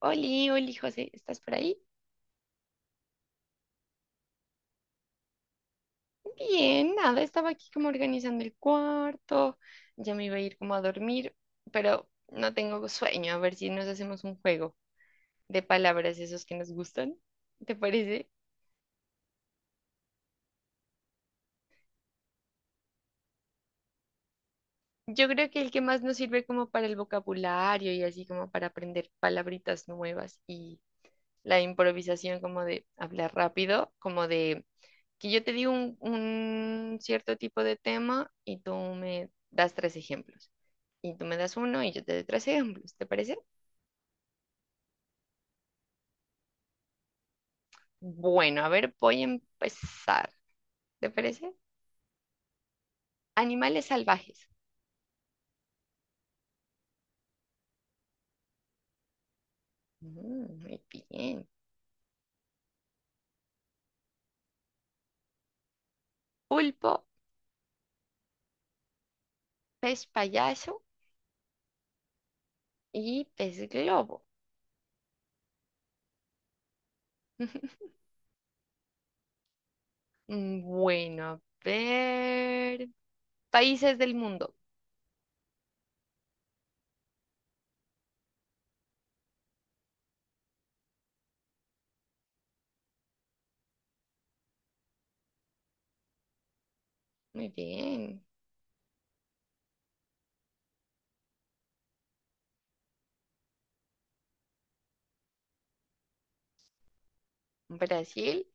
Oli, Oli, José, ¿estás por ahí? Bien, nada, estaba aquí como organizando el cuarto, ya me iba a ir como a dormir, pero no tengo sueño, a ver si nos hacemos un juego de palabras esos que nos gustan, ¿te parece? Yo creo que el que más nos sirve como para el vocabulario y así como para aprender palabritas nuevas y la improvisación como de hablar rápido, como de que yo te digo un cierto tipo de tema y tú me das tres ejemplos. Y tú me das uno y yo te doy tres ejemplos, ¿te parece? Bueno, a ver, voy a empezar, ¿te parece? Animales salvajes. Mm, muy bien. Pulpo, pez payaso y pez globo. Bueno, a ver. Países del mundo. Muy bien. Brasil,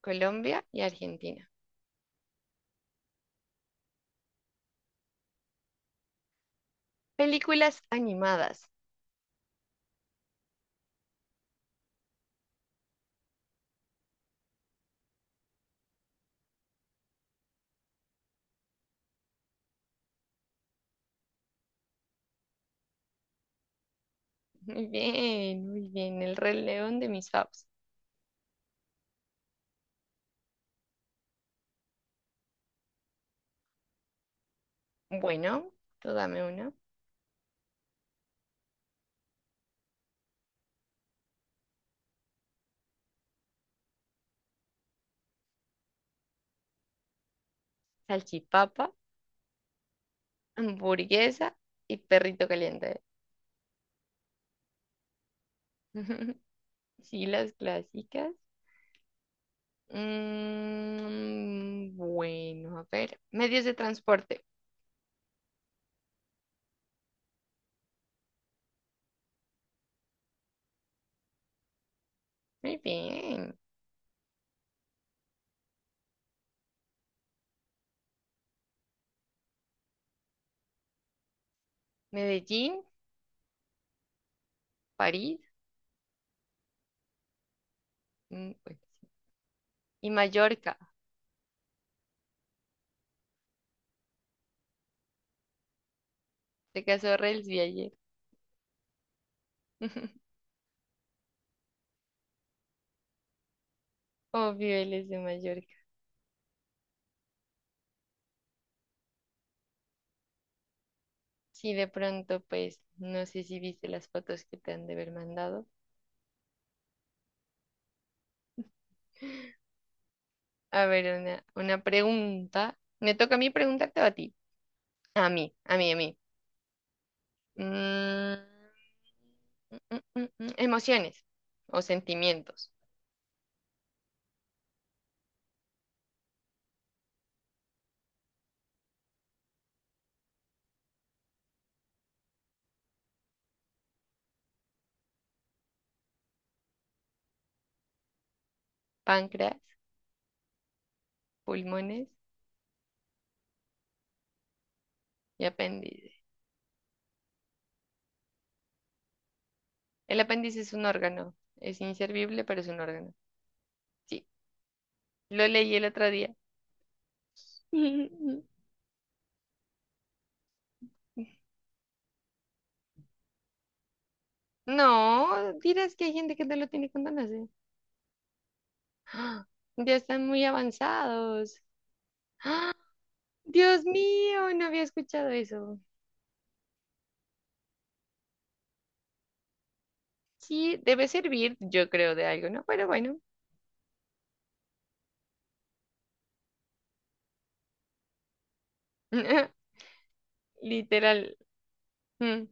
Colombia y Argentina. Películas animadas. Muy bien, muy bien. El Rey León de mis faves. Bueno, tú dame una. Salchipapa, hamburguesa y perrito caliente. Sí, las clásicas. Bueno, a ver. Medios de transporte. Muy bien. Medellín, París, mm, bueno, sí, y Mallorca. Se casó Rels de ayer. Obvio, él es de Mallorca. Sí, de pronto, pues, no sé si viste las fotos que te han de haber mandado. A ver, una pregunta. Me toca a mí preguntarte o a ti. A mí, a mí, a mí. Mm, mm, Emociones o sentimientos. Páncreas, pulmones y apéndice. El apéndice es un órgano. Es inservible, pero es un órgano. Sí, lo leí el otro día. No, dirás que hay gente que no lo tiene cuando nace. ¡Ah! Ya están muy avanzados. ¡Ah! Dios mío, no había escuchado eso. Sí, debe servir, yo creo, de algo, ¿no? Pero bueno, literal. Mm.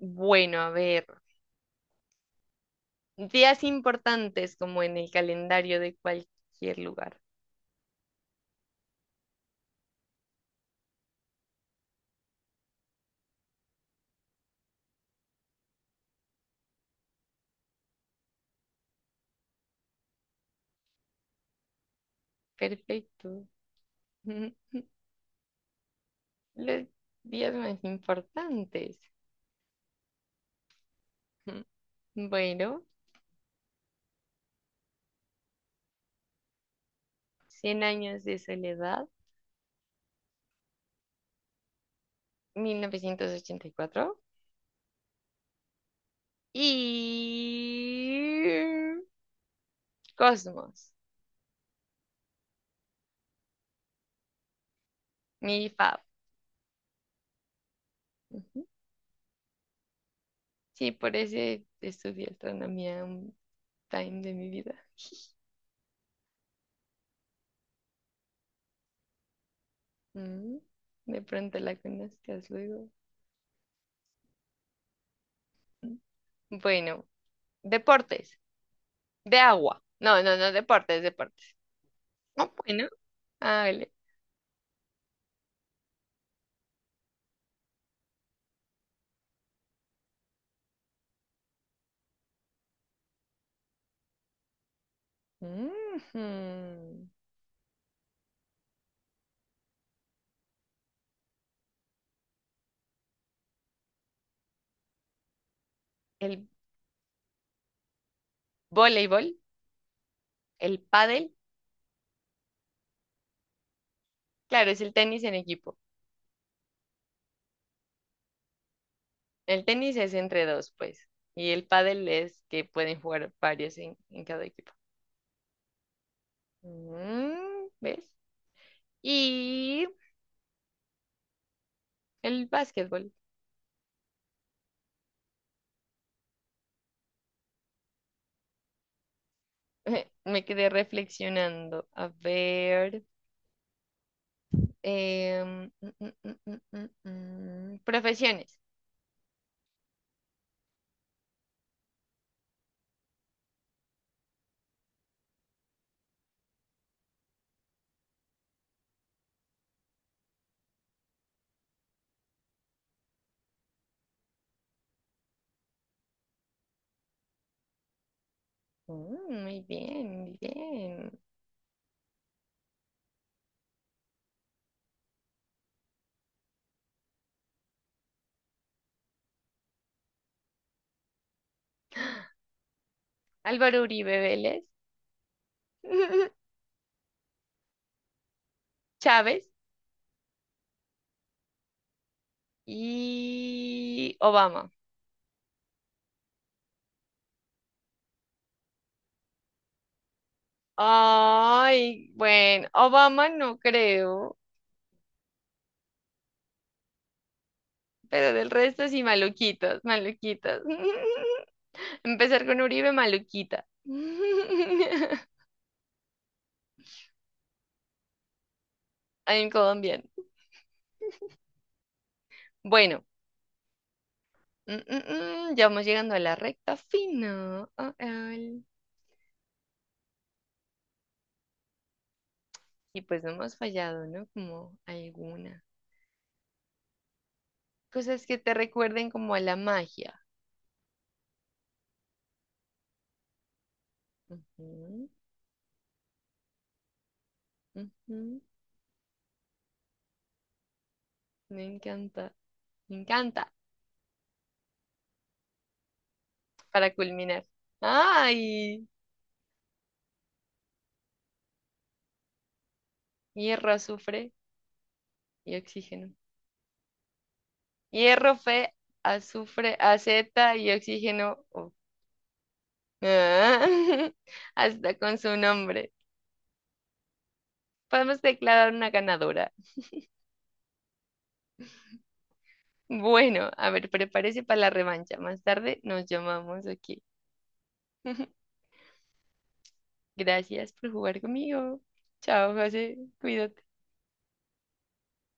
Bueno, a ver, días importantes como en el calendario de cualquier lugar. Perfecto. Los días más importantes. Bueno, Cien años de soledad, 1984 y Cosmos, mi fab. Ujú. Sí, por ese estudié astronomía un time de mi vida. Mm, De pronto la conozcas luego. Mm. Bueno. Deportes. De agua. No, no, no, deportes, deportes. Oh, bueno, hágale. Ujú. El voleibol, el pádel, claro, es el tenis en equipo. El tenis es entre dos, pues. Y el pádel es que pueden jugar varios en cada equipo. Mm, ¿ves? Y el básquetbol. Me quedé reflexionando. A ver. em, mm, mm, mm, mm, mm, Profesiones. Mm, muy bien, muy bien. Álvaro Uribe Vélez, Chávez y Obama. Ay, bueno, Obama no creo, pero del resto sí, maluquitas, maluquitas. Empezar con Uribe, maluquita. En Colombia. Bueno, ya vamos llegando a la recta final. Y pues no hemos fallado, ¿no? Como alguna. Cosas que te recuerden como a la magia. Ujú, ujú. Me encanta, me encanta. Para culminar. ¡Ay! Hierro, azufre y oxígeno. Hierro, fe, azufre, aceta y oxígeno. Oh. Ah, hasta con su nombre. Podemos declarar una ganadora. Bueno, a ver, prepárese para la revancha. Más tarde nos llamamos aquí. Gracias por jugar conmigo. Chao, José. Cuídate.